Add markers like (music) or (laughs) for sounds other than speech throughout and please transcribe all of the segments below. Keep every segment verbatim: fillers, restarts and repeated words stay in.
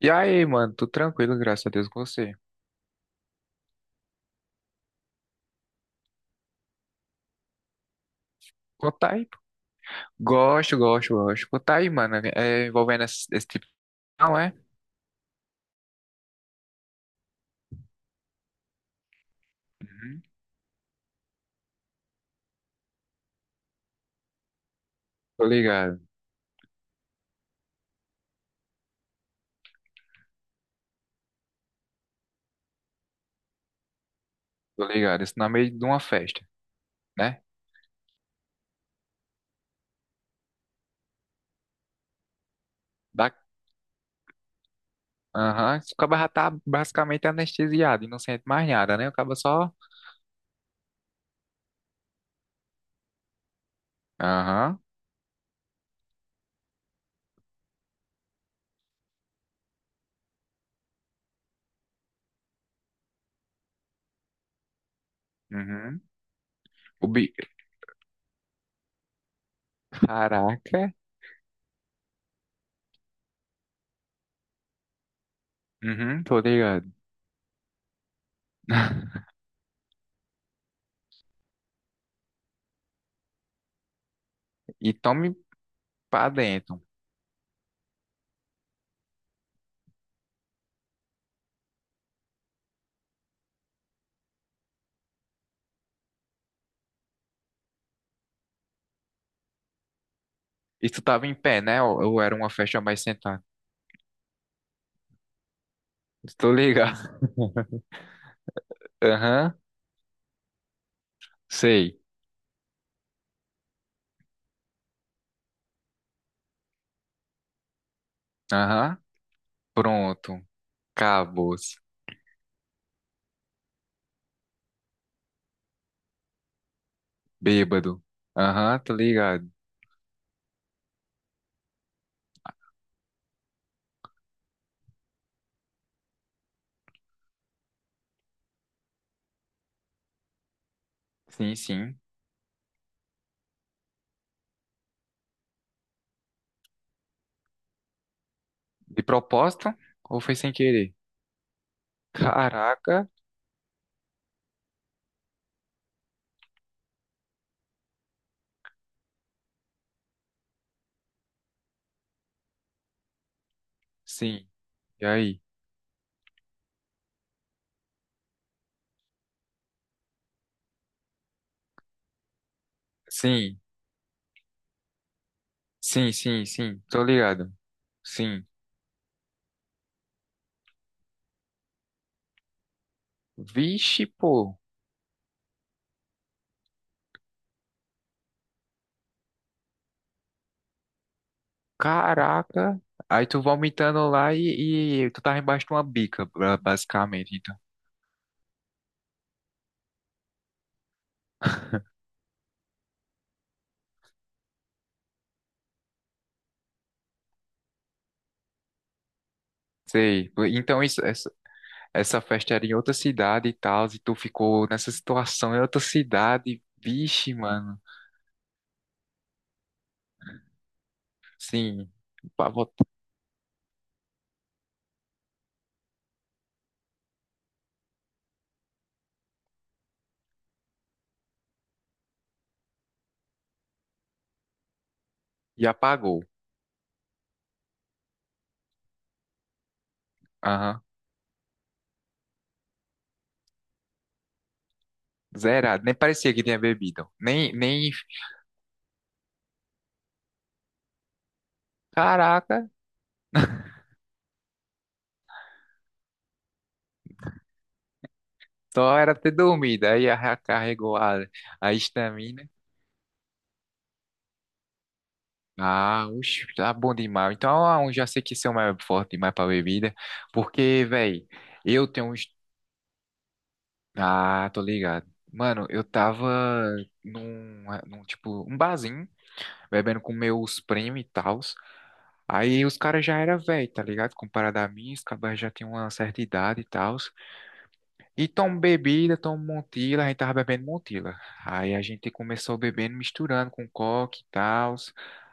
E aí, mano, tudo tranquilo, graças a Deus com você. Conta aí, pô. Gosto, gosto, gosto. Conta aí, mano, é é envolvendo esse, esse tipo. Não é? Uhum. Tô ligado, tô ligado. Isso no meio de uma festa, né? Da... Aham. O cara já tá basicamente anestesiado e não sente mais nada, né? O cara só. Aham. Uhum. O bi... Caraca. Uhum, tô ligado. (laughs) E tome pra dentro. E tu tava em pé, né? Ou, ou era uma festa mais sentada? Tô ligado. (laughs) Aham, sei. Aham. Pronto, cabos, bêbado. Aham, tô ligado. Sim, sim. De propósito ou foi sem querer? Caraca, sim. E aí? Sim, sim, sim, sim. Tô ligado. Sim. Vixe, pô. Caraca. Aí tu vomitando lá e, e tu tava embaixo de uma bica, ba- basicamente, então. Sei. Então isso, essa, essa festa era em outra cidade e tal, e tu ficou nessa situação em outra cidade. Vixe, mano. Sim, pa- bot- e apagou. Aham. Zerado. Nem parecia que tinha bebido. Nem, nem. Caraca, (laughs) só era ter dormido. Aí a- recarregou a, a estamina. Ah, oxe, tá bom demais. Então, ah, eu já sei que esse é o mais forte demais pra bebida. Porque, velho, eu tenho uns. Ah, tô ligado. Mano, eu tava num, num tipo, um barzinho, bebendo com meus primos e tal. Aí os caras já era velho, tá ligado? Comparado a mim, os cabas já tinham uma certa idade e tal. E tomam bebida, tomam Montila, a gente tava bebendo Montila. Aí a gente começou bebendo, misturando com coque e tal.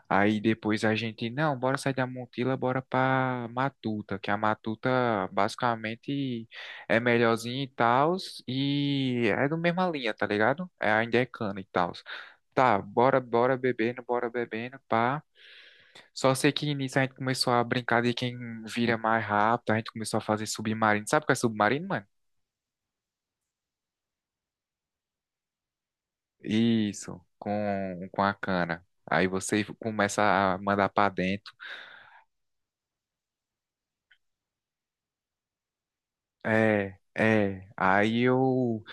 Aí depois a gente, não, bora sair da Montila, bora pra Matuta, que a Matuta basicamente é melhorzinha e tal. E é da mesma linha, tá ligado? É ainda é cana e tal. Tá, bora, bora bebendo, bora bebendo, pá. Só sei que nisso a gente começou a brincar de quem vira mais rápido, a gente começou a fazer submarino. Sabe o que é submarino, mano? Isso, com, com a cana. Aí você começa a mandar pra dentro. É, é. Aí eu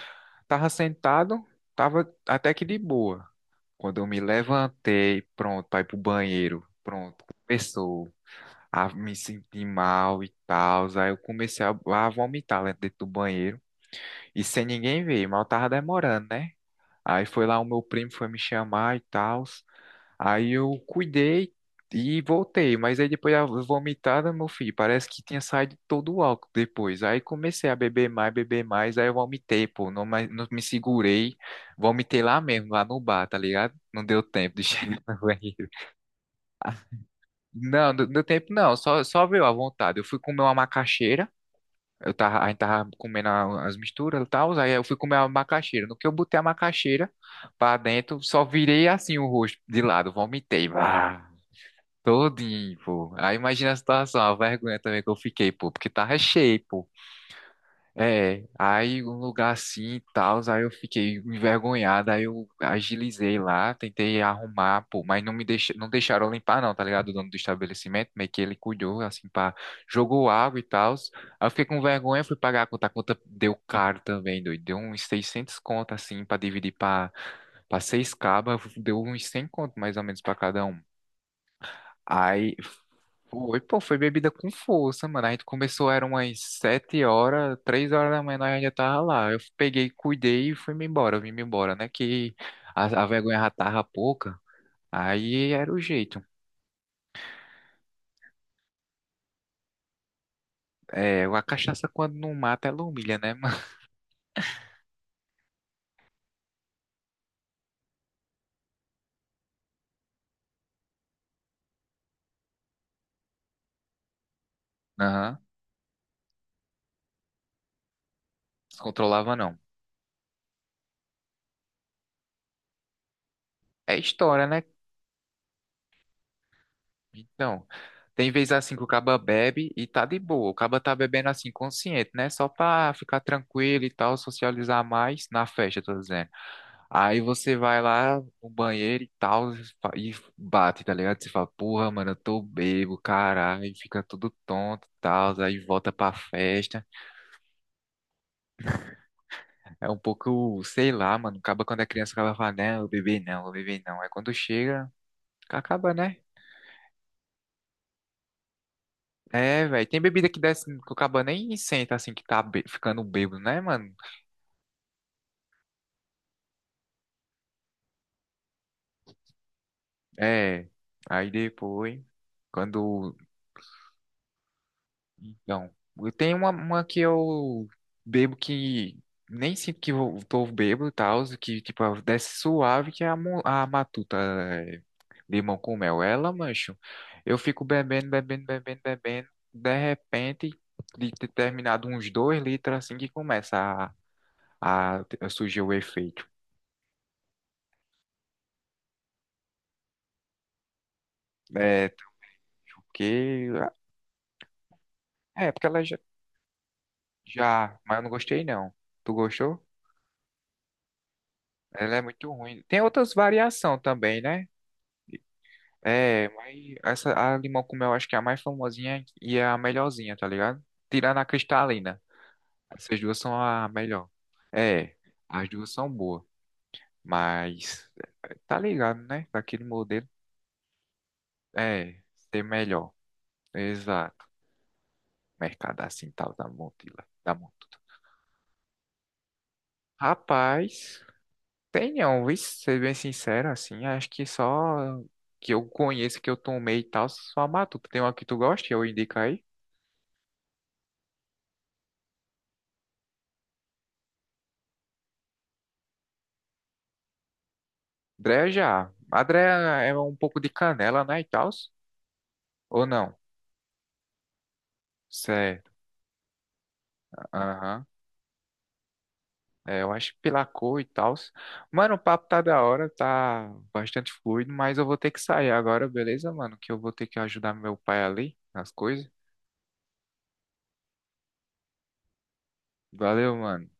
tava sentado, tava até que de boa. Quando eu me levantei, pronto, pra ir pro banheiro, pronto, começou a me sentir mal e tal. Aí eu comecei a, a vomitar lá dentro do banheiro. E sem ninguém ver, mal tava demorando, né? Aí foi lá o meu primo foi me chamar e tal. Aí eu cuidei e voltei, mas aí depois a vomitada, meu filho, parece que tinha saído todo o álcool depois. Aí comecei a beber mais, beber mais, aí eu vomitei, pô, não, mais- não me segurei, vomitei lá mesmo, lá no bar, tá ligado? Não deu tempo de (laughs) chegar no banheiro. Não, não deu tempo não, só, só veio à vontade. Eu fui comer uma macaxeira. Eu tava, a gente tava comendo a- as misturas e tal, aí eu fui comer a macaxeira. No que eu botei a macaxeira pra dentro, só virei assim o rosto de lado, vomitei, vá, todinho, pô. Aí imagina a situação, a vergonha também que eu fiquei, pô, porque tava cheio, pô. É, aí um lugar assim e tal, aí eu fiquei envergonhado, aí eu agilizei lá, tentei arrumar, pô, mas não me deix... não deixaram eu limpar não, tá ligado? O dono do estabelecimento, meio que ele cuidou, assim, pá, jogou água e tal, aí eu fiquei com vergonha, fui pagar a conta, a conta deu caro também, doido, deu uns seiscentos conto, assim, pra dividir pra, pra seis cabas, deu uns cem conto mais ou menos pra cada um. Aí foi, pô, foi bebida com força, mano. A gente começou, eram umas sete horas, três horas da manhã, nós já tava lá. Eu peguei, cuidei e fui-me embora, eu vim-me embora, né? Que a, a vergonha já tava pouca, aí era o jeito. É, a cachaça quando não mata, ela humilha, né, mano? (laughs) Aham, descontrolava não. É história, né? Então, tem vez assim que o caba bebe e tá de boa. O caba tá bebendo assim, consciente, né? Só pra ficar tranquilo e tal, socializar mais na festa, tô dizendo. Aí você vai lá no banheiro e tal, e fa- e bate, tá ligado? Você fala, porra, mano, eu tô bebo, caralho, e fica tudo tonto e tal, aí volta pra festa. É um pouco, sei lá, mano, acaba quando é criança, acaba falando, não, eu bebi não, eu bebi não. Aí quando chega, acaba, né? É, velho. Tem bebida que desce, que o caba nem senta assim que tá bê- ficando bêbado, né, mano? É. Aí depois, quando. Então, eu tenho uma, uma que eu bebo que nem sinto que eu tô bêbado e tal, que tipo, desce suave, que é a, mo- a matuta, é, limão com mel. Ela, mancho, eu fico bebendo, bebendo, bebendo, bebendo. De repente, de ter terminado uns dois litros assim que começa a, a surgir o efeito. É, porque. É, porque ela já, já. Mas eu não gostei, não. Tu gostou? Ela é muito ruim. Tem outras variações também, né? É, mas essa, a limão com mel acho que é a mais famosinha e é a melhorzinha, tá ligado? Tirando a cristalina. Essas duas são a melhor. É, as duas são boas. Mas. Tá ligado, né? Daquele modelo. É, ser melhor. Exato. Mercado assim tal da Montila. Da Montuta. Rapaz. Tenho, vixe, ser bem sincero, assim, acho que só que eu conheço, que eu tomei e tal, só a Matuta. Tem uma que tu gosta, que eu indico aí? Dreia já. A Dreia é um pouco de canela, né, e tal? Ou não? Certo, aham. É, eu acho que pela cor e tal. Mano, o papo tá da hora, tá bastante fluido, mas eu vou ter que sair agora, beleza, mano? Que eu vou ter que ajudar meu pai ali nas coisas. Valeu, mano.